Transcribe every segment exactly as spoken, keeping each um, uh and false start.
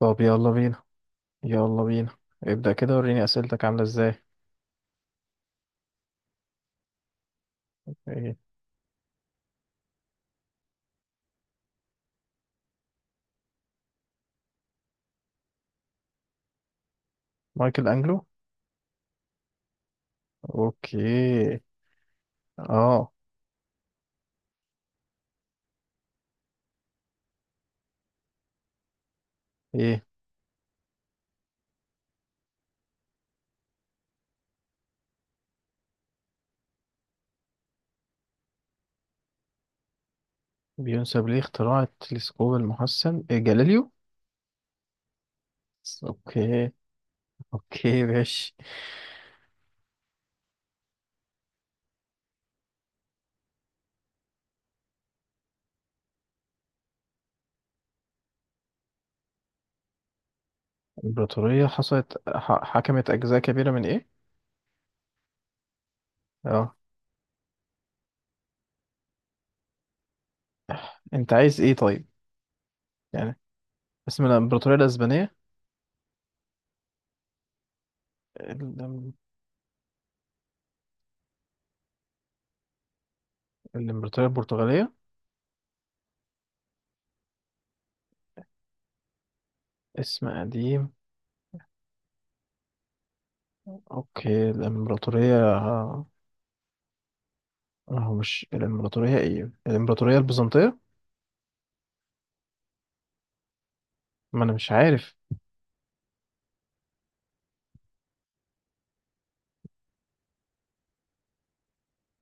طب يلا بينا، يلا بينا. ابدأ كده وريني أسئلتك عاملة ازاي. ايه؟ مايكل أنجلو. اوكي. اه. ايه؟ بينسب ليه اختراع التلسكوب المحسن، إيه، جاليليو. اوكي. اوكي، ماشي. الإمبراطورية حصلت ح- حكمت أجزاء كبيرة من ايه؟ اه. انت عايز ايه طيب؟ يعني اسم الإمبراطورية الأسبانية. الإم- الإمبراطورية البرتغالية. اسم قديم. اوكي الإمبراطورية، اه. هو مش الإمبراطورية، ايه، الإمبراطورية البيزنطية؟ ما انا مش عارف.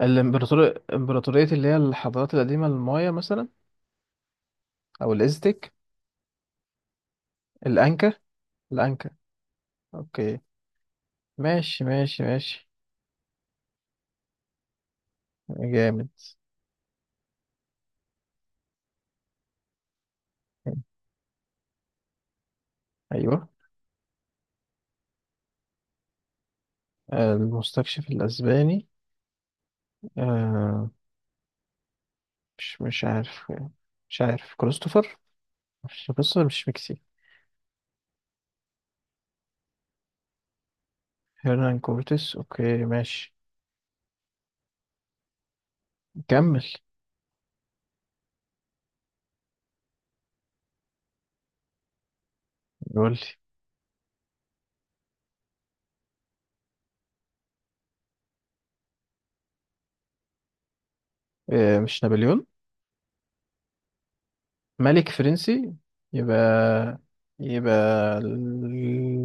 الامبراطورية، امبراطورية اللي هي الحضارات القديمة، المايا مثلا، او الازتك. الانكا. الانكا. اوكي. ماشي، ماشي، ماشي. جامد. ايوه. المستكشف الاسباني. آه مش مش عارف. مش عارف كريستوفر. مش كريستوفر، مش ميكسي. هيرنان كورتيس، اوكي ماشي. كمل. يقول لي. آه مش نابليون. ملك فرنسي. يبقى يبقى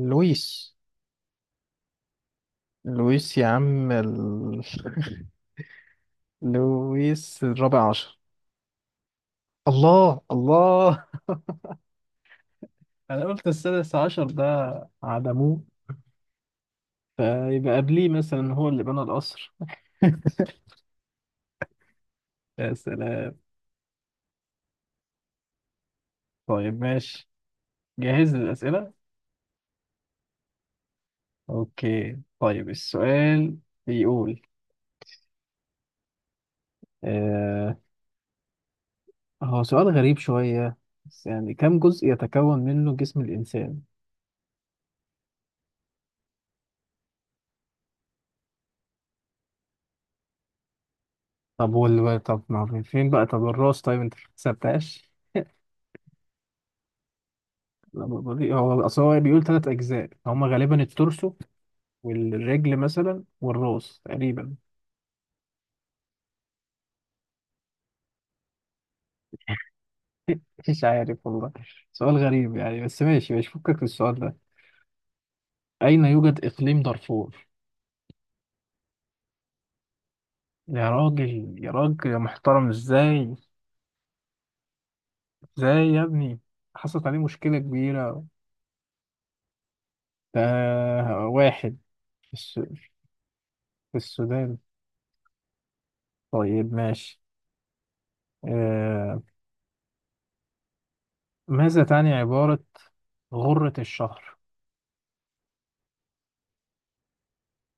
لويس. لويس يا عم ال... لويس الرابع عشر. الله، الله. انا قلت السادس عشر، ده عدموه، فيبقى قبليه مثلا هو اللي بنى القصر. يا سلام. طيب ماشي. جاهز للأسئلة؟ اوكي طيب السؤال بيقول، آه هو سؤال غريب شوية بس يعني، كم جزء يتكون منه جسم الإنسان؟ طب وال طب ما فين بقى، طب الراس، طيب انت ما حسبتهاش؟ لا، بطيء، هو اصل هو بيقول ثلاث اجزاء، هما غالبا التورسو والرجل مثلا والراس تقريبا. مش عارف والله. سؤال غريب يعني، بس ماشي، مش فكك في السؤال ده. اين يوجد اقليم دارفور؟ يا راجل، يا راجل، يا محترم، ازاي؟ ازاي يا ابني؟ حصلت عليه مشكلة كبيرة. ده واحد. في, الس... في السودان. طيب ماشي. آه... ماذا تعني عبارة غرة الشهر؟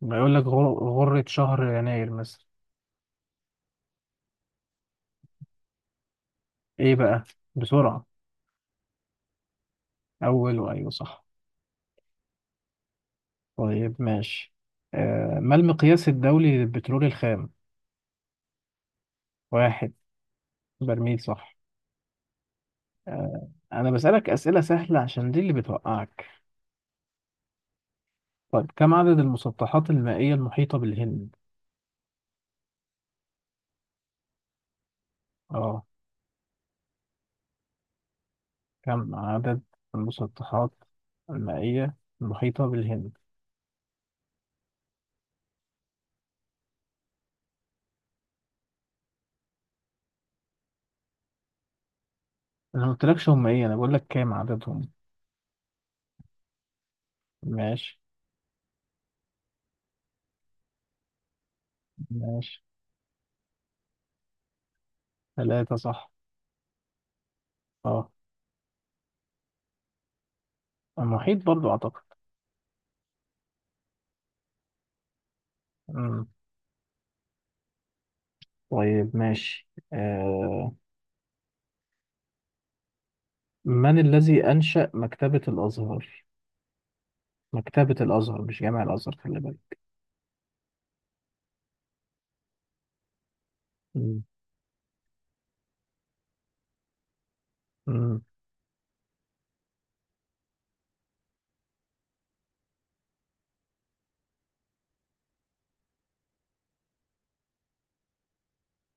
ما يقول لك غر... غرة شهر يناير مثلا. ايه بقى؟ بسرعة. اول، وايوه صح. طيب ماشي. آه ما المقياس الدولي للبترول الخام؟ واحد. برميل صح. آه انا بسألك اسئلة سهلة عشان دي اللي بتوقعك. طيب كم عدد المسطحات المائية المحيطة بالهند؟ اه، كم عدد المسطحات المائية المحيطة بالهند؟ انا ما قلتلكش هم ايه، انا بقول لك كام عددهم. ماشي، ماشي. ثلاثة صح. اه. المحيط برضو اعتقد. مم. طيب ماشي. آه من الذي أنشأ مكتبة الأزهر؟ مكتبة الأزهر مش جامع الأزهر، خلي بالك. مم. مم.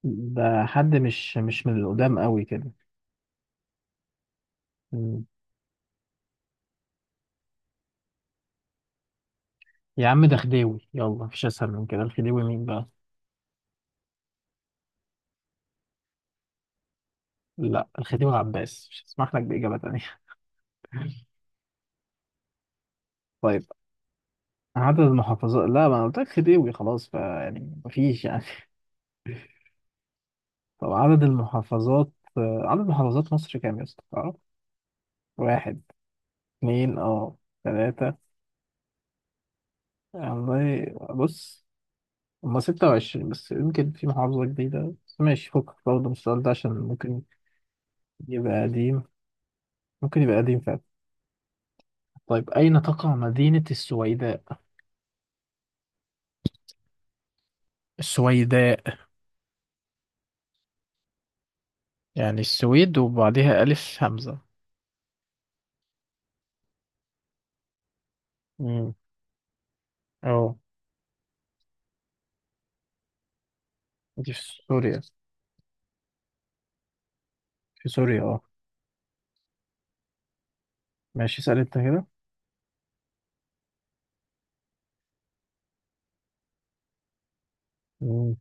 ده حد، مش مش من القدام قوي كده. مم. يا عم ده خديوي، يلا، مفيش أسهل من كده، الخديوي مين بقى؟ لا، الخديوي العباس، مش هسمح لك بإجابة تانية. طيب عدد المحافظات، لا، ما أنا قلت لك خديوي، خلاص، فيعني مفيش يعني. طب عدد المحافظات، آه، عدد محافظات مصر كام يا اسطى؟ تعرف؟ واحد، اتنين، اه، تلاتة. يعني والله بص، هما ستة وعشرين، بس يمكن في محافظة جديدة، بس ماشي فكك برضه من السؤال ده عشان ممكن يبقى قديم. ممكن يبقى قديم فعلا. طيب أين تقع مدينة السويداء؟ السويداء. يعني السويد وبعدها ألف همزة. امم. اه، دي في سوريا. في سوريا، اه. ماشي اسأل انت كده. امم.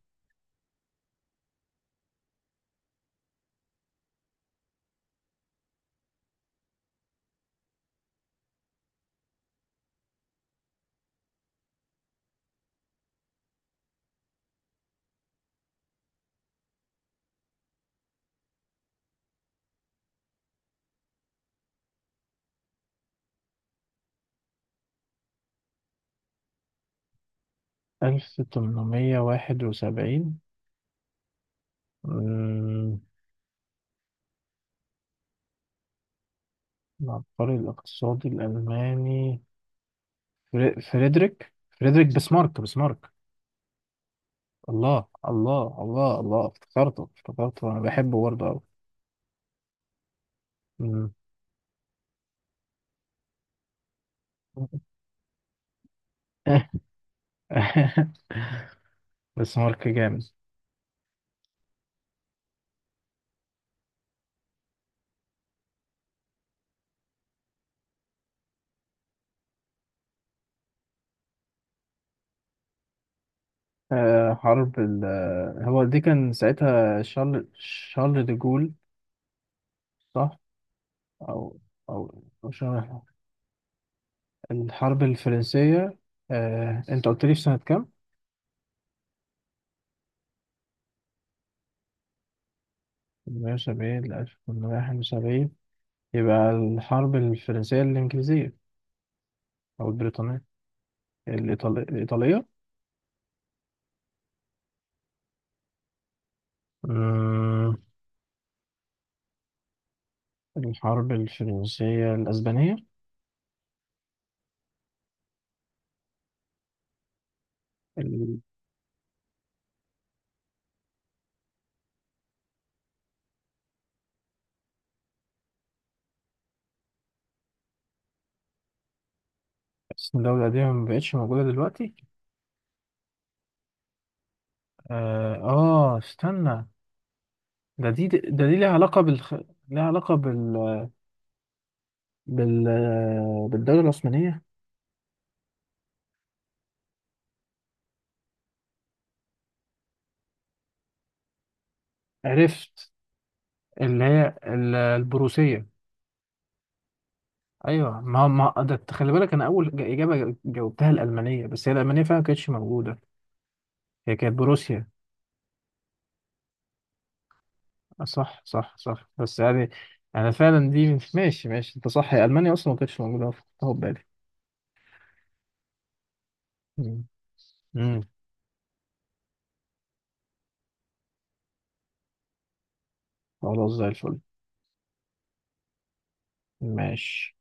ألف تمنمية واحد وسبعين. مم. العبقري الاقتصادي الألماني. فري- فريدريك. فريدريك بسمارك، بسمارك. الله، الله، الله، الله، افتكرته، افتكرته، انا بحبه برضه قوي. مم. بس مارك جامد. آه، حرب ال آه، هو دي كان ساعتها شارل شارل دي جول. صح. او او أو شارل. الحرب الفرنسية. آه، انت قلت لي في سنة كام؟ ألف تمنمية وسبعين ل ألف تمنمية واحد وسبعين. يبقى الحرب الفرنسية الإنجليزية، أو البريطانية، الإيطالية، الإيطالية. الحرب الفرنسية الأسبانية. ال- اسم الدولة دي ما بقتش موجودة دلوقتي. آه, آه استنى. ده دي ده دي ليها علاقة بالخ... ليها علاقة بال... بال... بالدولة العثمانية. عرفت. اللي هي ال- البروسية. أيوه، ما ما ده أنت خلي بالك، أنا أول ج- إجابة جاوبتها الألمانية، بس هي الألمانية فعلا ما كانتش موجودة، هي كانت بروسيا. آه، صح، صح، صح، بس يعني أنا فعلا دي ماشي، ماشي، أنت صح، هي ألمانيا أصلا ما كانتش موجودة، أنا فكرتها في بالي. مم. مم. خلاص زي الفل. ماشي.